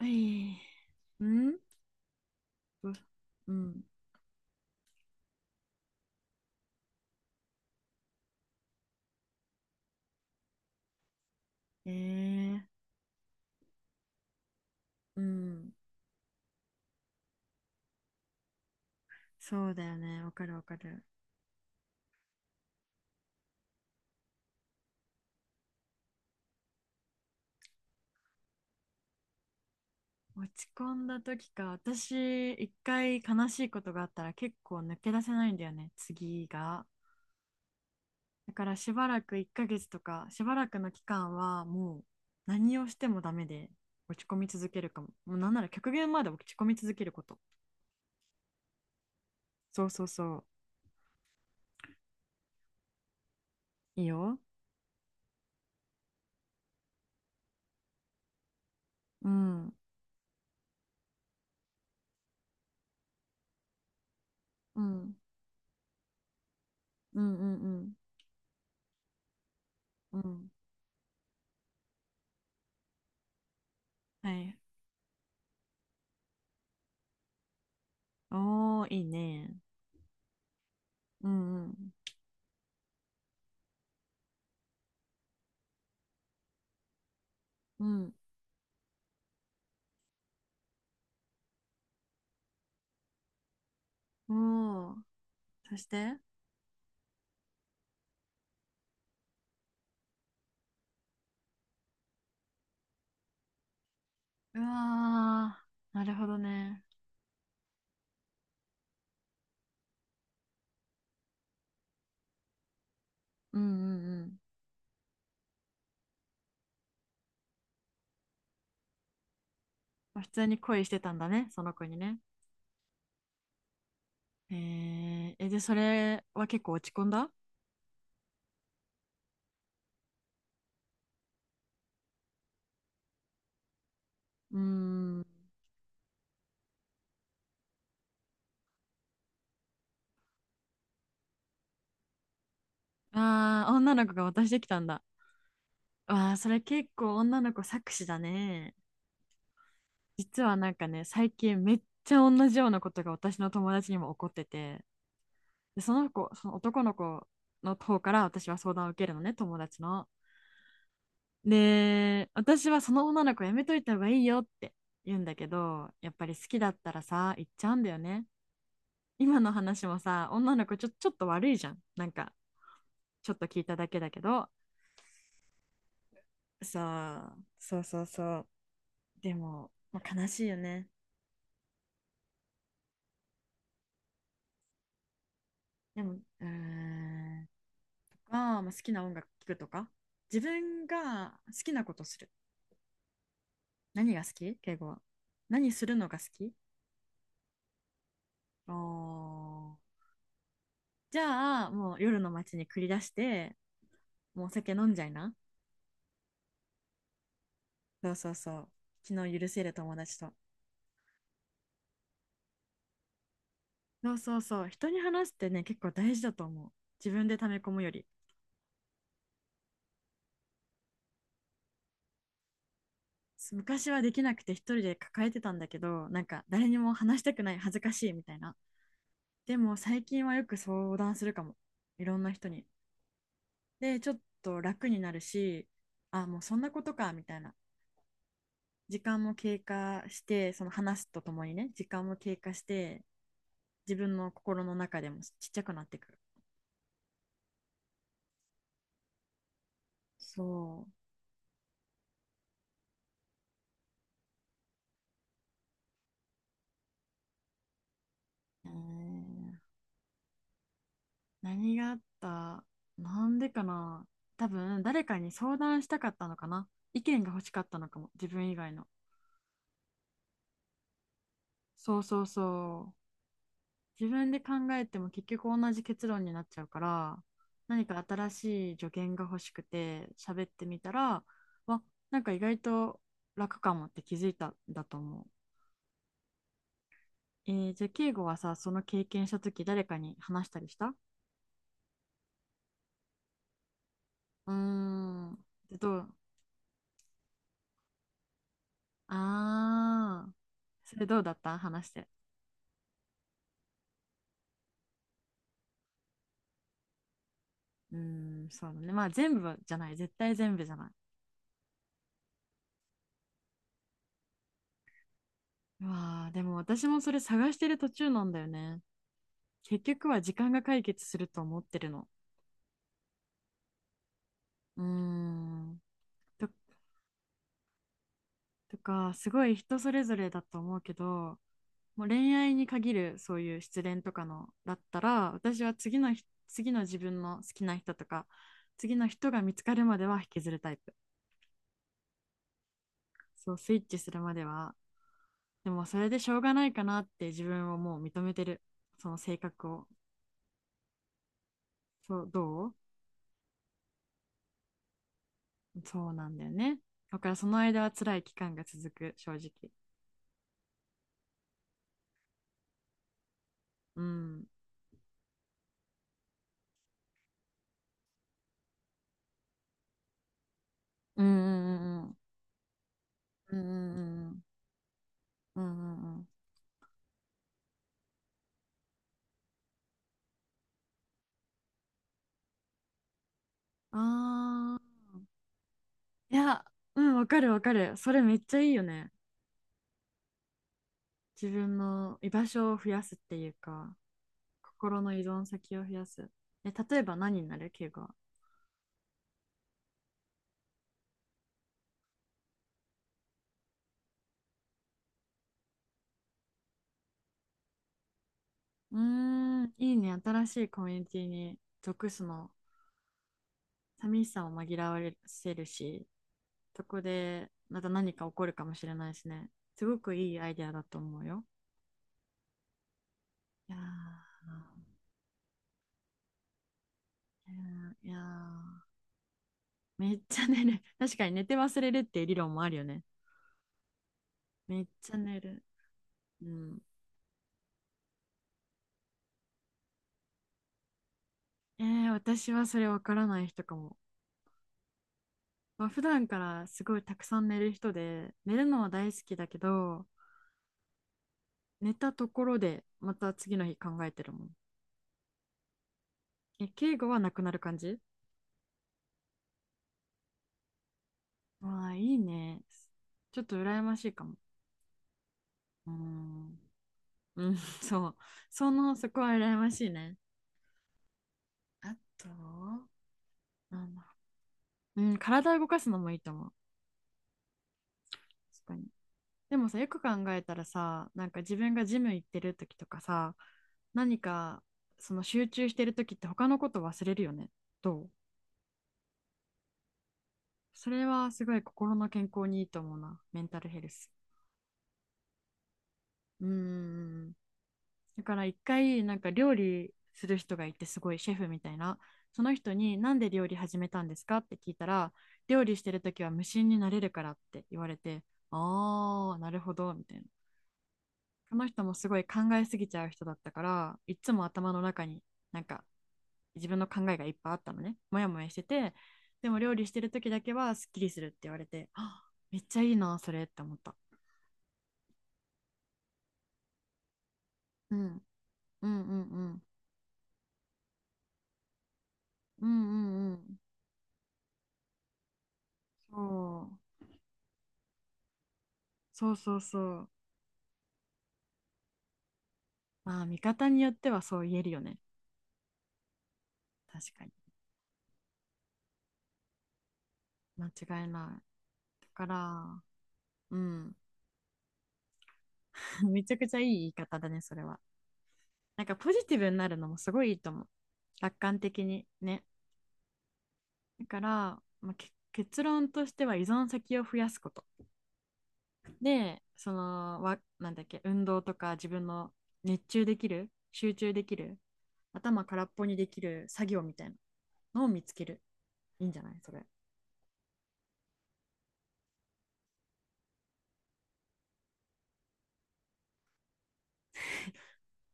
ええん。ううん。ええ。うん。そうだよね。わかるわかる。落ち込んだ時か。私、一回悲しいことがあったら結構抜け出せないんだよね。次が。だからしばらく1ヶ月とか、しばらくの期間はもう何をしてもダメで落ち込み続けるかも。もうなんなら極限まで落ち込み続けること。そうそうそう。いいよ。うん。うん。うんうんうん。うん。はい。おー、いいね。うんうん。うん。おー。そして、うわー、なるほどね。うんうんうん。まあ普通に恋してたんだね、その子にね。へええ、で、それは結構落ち込んだ？うーん。ああ、女の子が渡してきたんだ。わあ、それ結構女の子搾取だね。実はなんかね、最近めっちゃ同じようなことが私の友達にも起こってて、で、その子、その男の子の方から私は相談を受けるのね、友達の。で、私はその女の子やめといた方がいいよって言うんだけど、やっぱり好きだったらさ、言っちゃうんだよね。今の話もさ、女の子ちょ、ちょっと悪いじゃん。なんか、ちょっと聞いただけだけど。そう、そうそうそう。でも、まあ、悲しいよね。でも、うーん、まあ、まあ、好きな音楽聴くとか、自分が好きなことする。何が好き敬語は。何するのが好き？おー。じゃあ、もう夜の街に繰り出して、もう酒飲んじゃいな。そうそうそう。昨日許せる友達と。そうそうそう。人に話すってね、結構大事だと思う。自分で溜め込むより。昔はできなくて一人で抱えてたんだけど、なんか誰にも話したくない、恥ずかしいみたいな。でも最近はよく相談するかも。いろんな人に。で、ちょっと楽になるし、あ、もうそんなことか、みたいな。時間も経過して、その話すとともにね、時間も経過して、自分の心の中でもちっちゃくなってくる。そう。えー、何があった？なんでかな。多分誰かに相談したかったのかな。意見が欲しかったのかも、自分以外の。そうそうそう。自分で考えても結局同じ結論になっちゃうから、何か新しい助言が欲しくて喋ってみたら、わ、なんか意外と楽かもって気づいたんだと思う。えー、じゃあ敬語はさ、その経験した時誰かに話したりした？うーん。でどう？ああ、それどうだった、話して。うーん、そうだね。まあ全部じゃない。絶対全部じゃない。うわあ、でも私もそれ探してる途中なんだよね。結局は時間が解決すると思ってるの。うーん。と、とか、すごい人それぞれだと思うけど、もう恋愛に限るそういう失恋とかのだったら、私は次のひ、次の自分の好きな人とか、次の人が見つかるまでは引きずるタイプ。そう、スイッチするまでは。でもそれでしょうがないかなって自分をもう認めてる。その性格を。そう、どう？そうなんだよね。だからその間は辛い期間が続く、正直。うん。うんうんうんうんうんうんうんうんうん。あー、いや、うん、わかるわかる。それめっちゃいいよね。自分の居場所を増やすっていうか、心の依存先を増やす。え、例えば何になるケイが。うーん、いいね。新しいコミュニティに属すの。寂しさを紛らわせるし、そこでまた何か起こるかもしれないしね。すごくいいアイデアだと思うよ。いやー、いやー、めっちゃ寝る。確かに寝て忘れるっていう理論もあるよね。めっちゃ寝る。うん。えー、私はそれわからない人かも。まあ、普段からすごいたくさん寝る人で、寝るのは大好きだけど、寝たところでまた次の日考えてるもん。え、敬語はなくなる感じ？ああ、いいね。ちょっと羨ましいかも。うーん。うん、そう。その、そこは羨ましいね。あと、なんだ。うん、体を動かすのもいいと思う。確かに。でもさ、よく考えたらさ、なんか自分がジム行ってる時とかさ、何か、その集中してる時って他のこと忘れるよね。どう？それはすごい心の健康にいいと思うな。メンタルヘルス。うーん。だから一回なんか料理する人がいて、すごいシェフみたいな、その人になんで料理始めたんですかって聞いたら、料理してる時は無心になれるからって言われて、ああなるほどみたいな。この人もすごい考えすぎちゃう人だったから、いつも頭の中になんか自分の考えがいっぱいあったのね、モヤモヤしてて。でも料理してる時だけはすっきりするって言われて、あ、めっちゃいいなそれって思った。うん、うんうんうんうんうんうん。そうそうそうそう。まあ、見方によってはそう言えるよね。確かに。間違いない。だから、うん。めちゃくちゃいい言い方だね、それは。なんかポジティブになるのもすごいいいと思う。楽観的にね。だから、まあ、け結論としては依存先を増やすこと。で、その、わ、なんだっけ、運動とか自分の熱中できる、集中できる、頭空っぽにできる作業みたいなのを見つける。いいんじゃないそれ。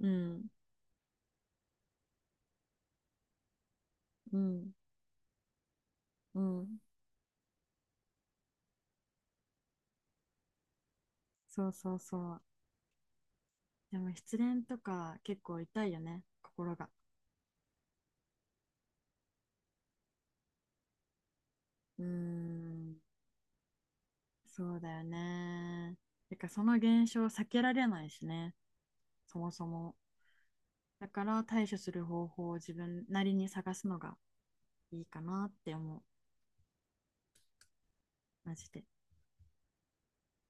うん。うん。うん。そうそうそう。でも失恋とか結構痛いよね、心が。うーん、そうだよね。てかその現象を避けられないしね、そもそも。だから対処する方法を自分なりに探すのがいいかなって思う、マジで。